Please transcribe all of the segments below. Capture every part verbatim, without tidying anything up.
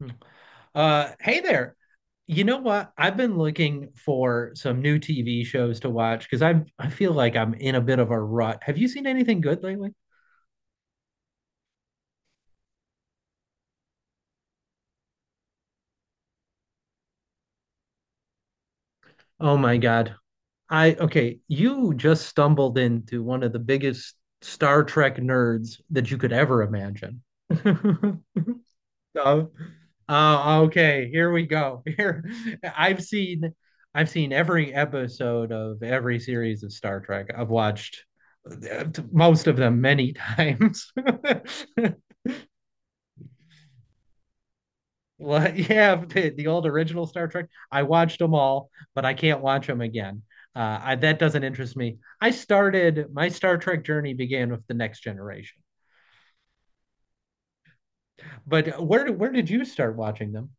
Hmm. Uh, hey there. You know what? I've been looking for some new T V shows to watch because I I feel like I'm in a bit of a rut. Have you seen anything good lately? Oh my God. I okay, you just stumbled into one of the biggest Star Trek nerds that you could ever imagine. stuff. Uh, okay, here we go. Here, I've seen, I've seen every episode of every series of Star Trek. I've watched uh, most of them many times. Well, yeah, the, the old original Star Trek. I watched them all, but I can't watch them again. Uh, I, that doesn't interest me. I started my Star Trek journey began with the Next Generation. But where where did you start watching them?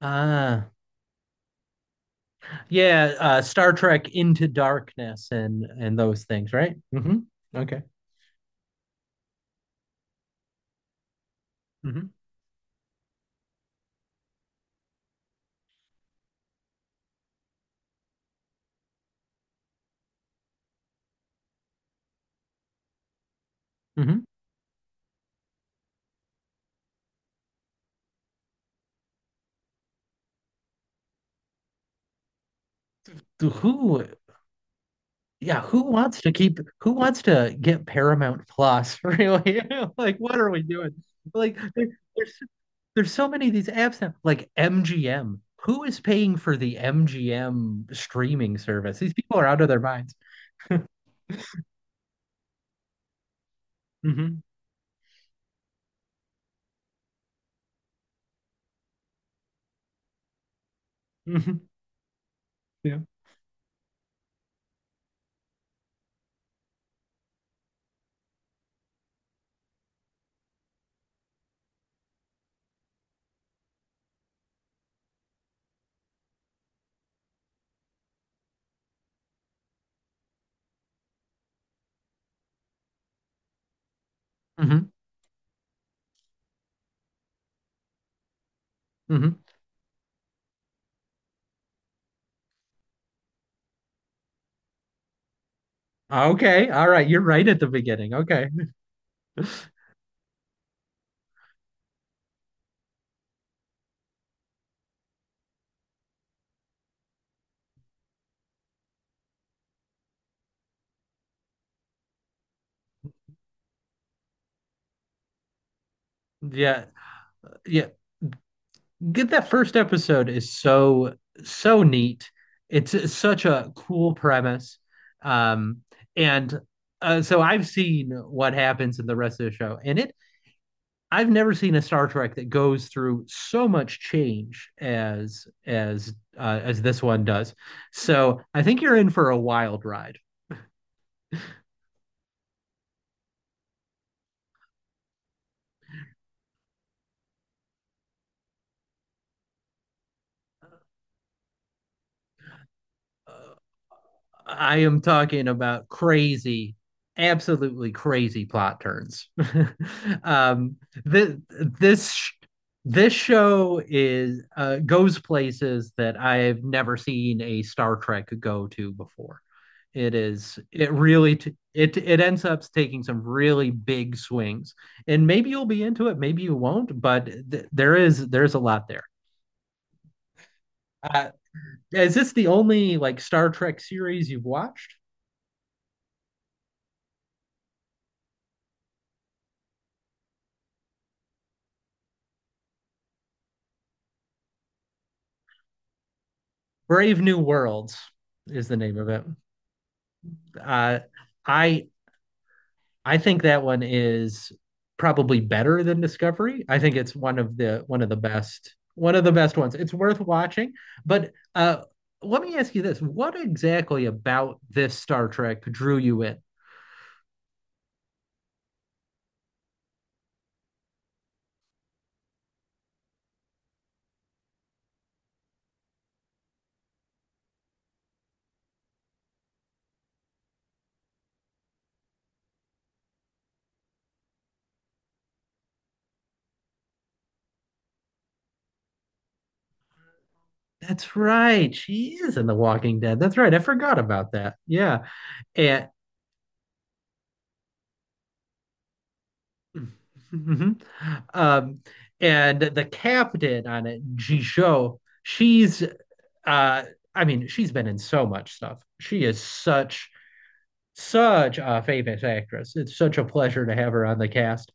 Ah, yeah, uh, Star Trek Into Darkness and and those things, right? Hmm. Okay. Hmm. Hmm. Who, yeah, who wants to keep, who wants to get Paramount Plus, really? Like, what are we doing? Like, there- there's there's so many of these apps now, like M G M. Who is paying for the M G M streaming service? These people are out of their minds. Hmm. Yeah. Hmm. Hmm. Okay. All right. You're right at the beginning. Okay. Yeah. Yeah. Get that first episode is so so neat. It's uh, such a cool premise. Um and uh, so I've seen what happens in the rest of the show and it I've never seen a Star Trek that goes through so much change as as uh, as this one does. So I think you're in for a wild ride. I am talking about crazy, absolutely crazy plot turns. um, th- this this show is uh, goes places that I've never seen a Star Trek go to before. It is it really t- it it ends up taking some really big swings, and maybe you'll be into it, maybe you won't, but th- there is there's a lot there. Uh, is this the only like Star Trek series you've watched? Brave New Worlds is the name of it. Uh, I I think that one is probably better than Discovery. I think it's one of the one of the best one of the best ones. It's worth watching. But uh, let me ask you this: what exactly about this Star Trek drew you in? That's right. She is in The Walking Dead. That's right. I forgot about that. Yeah. And mhm. um and the captain on it, Jisho, she's uh I mean, she's been in so much stuff. She is such such a famous actress. It's such a pleasure to have her on the cast.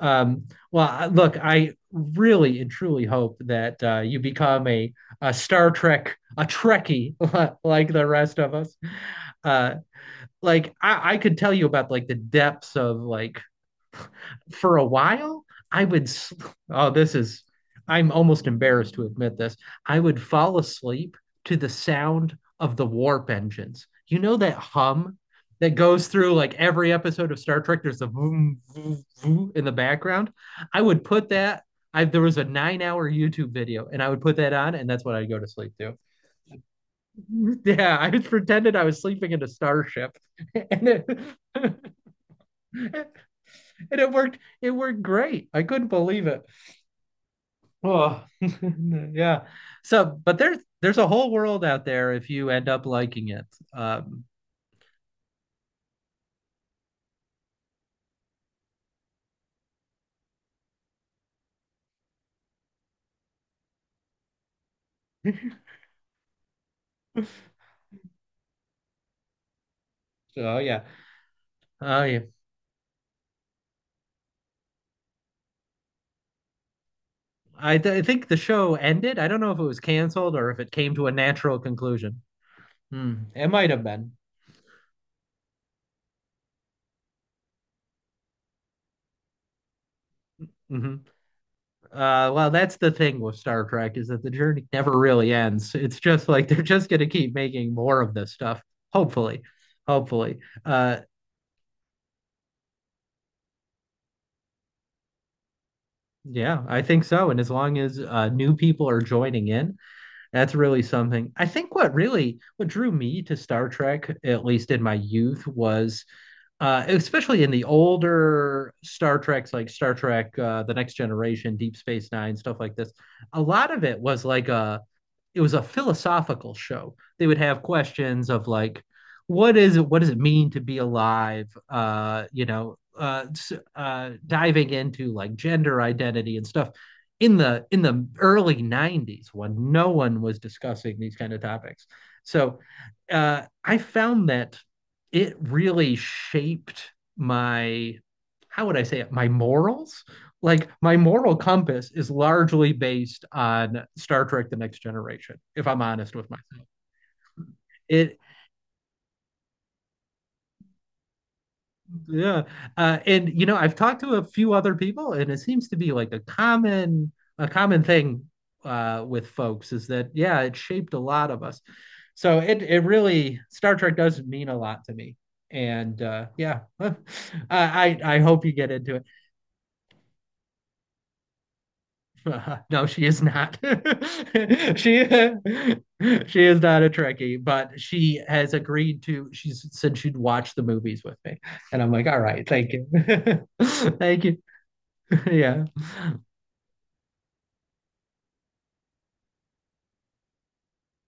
Um, well, I- Look, I really and truly hope that uh, you become a, a Star Trek, a Trekkie like the rest of us. Uh, like I, I could tell you about like the depths of like for a while, I would, oh, this is, I'm almost embarrassed to admit this. I would fall asleep to the sound of the warp engines. You know that hum that goes through like every episode of Star Trek? There's a vroom, vroom, vroom in the background. I would put that. I, there was a nine hour YouTube video, and I would put that on, and that's what I'd go to sleep to. Yeah, I pretended I was sleeping in a starship, and it, and it worked. It worked great. I couldn't believe it. Well, yeah. So, but there's there's a whole world out there if you end up liking it. Um, so yeah. Oh yeah. I, th I think the show ended. I don't know if it was canceled or if it came to a natural conclusion. Hmm. It might have been. Hmm. Uh, well, that's the thing with Star Trek is that the journey never really ends. It's just like they're just going to keep making more of this stuff. Hopefully, hopefully. Uh, yeah, I think so. And as long as uh, new people are joining in. That's really something. I think what really what drew me to Star Trek, at least in my youth, was uh, especially in the older Star Treks, like Star Trek, uh, The Next Generation, Deep Space Nine, stuff like this. A lot of it was like a it was a philosophical show. They would have questions of like, what is it? What does it mean to be alive? Uh, you know, uh, uh, diving into like gender identity and stuff in the in the early nineties when no one was discussing these kind of topics so uh, I found that it really shaped my how would I say it my morals, like my moral compass is largely based on Star Trek: The Next Generation, if I'm honest with myself. It, yeah, uh, and you know, I've talked to a few other people, and it seems to be like a common a common thing uh, with folks is that yeah, it shaped a lot of us. So it it really Star Trek does mean a lot to me, and uh, yeah, I I hope you get into it. Uh, no, she is not. she she is not a Trekkie, but she has agreed to. She said she'd watch the movies with me, and I'm like, all right, thank you, thank you. Yeah.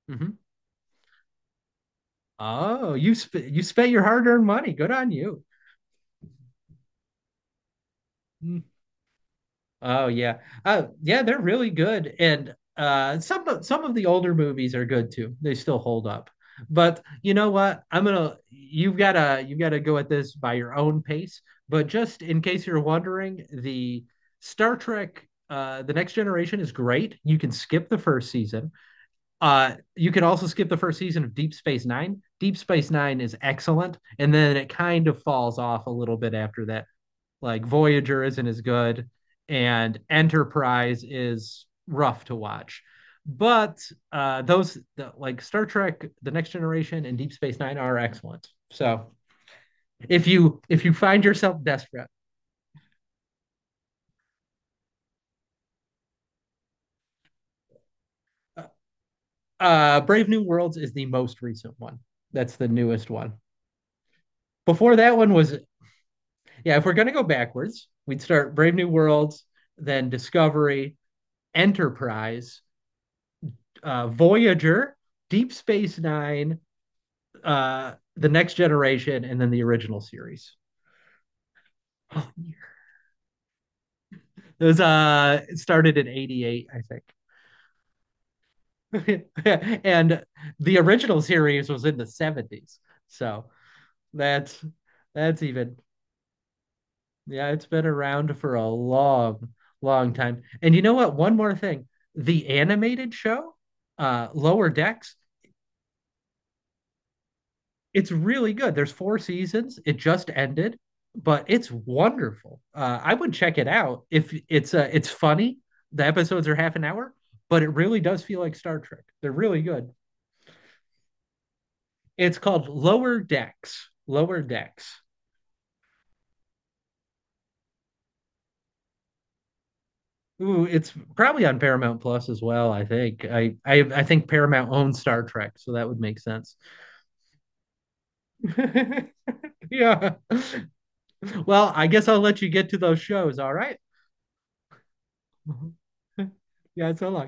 Mhm. Oh, you sp you spent your hard-earned money. Good on you. Oh yeah. Oh yeah, they're really good. And uh some of some of the older movies are good too. They still hold up. But you know what? I'm gonna you've gotta you've gotta go at this by your own pace. But just in case you're wondering, the Star Trek uh The Next Generation is great. You can skip the first season. Uh you can also skip the first season of Deep Space Nine. Deep Space Nine is excellent, and then it kind of falls off a little bit after that. Like Voyager isn't as good, and Enterprise is rough to watch. But uh, those the, like Star Trek, The Next Generation, and Deep Space Nine are excellent. So if you if you find yourself desperate, uh, uh, Brave New Worlds is the most recent one. That's the newest one. Before that one was yeah. If we're gonna go backwards, we'd start Brave New Worlds, then Discovery, Enterprise, uh, Voyager, Deep Space Nine, uh, the next generation and then the original series. Oh, those uh it started in eighty-eight, I think. And the original series was in the seventies. So that's that's even yeah, it's been around for a long, long time. And you know what? One more thing. The animated show, uh Lower Decks, it's really good. There's four seasons. It just ended, but it's wonderful. Uh, I would check it out if it's uh, it's funny. The episodes are half an hour, but it really does feel like Star Trek. They're really good. It's called Lower Decks. Lower Decks. Ooh, it's probably on Paramount Plus as well. I think. I I, I think Paramount owns Star Trek, so that would make sense. Yeah. Well, I guess I'll let you get to those shows. All right. Yeah. So long.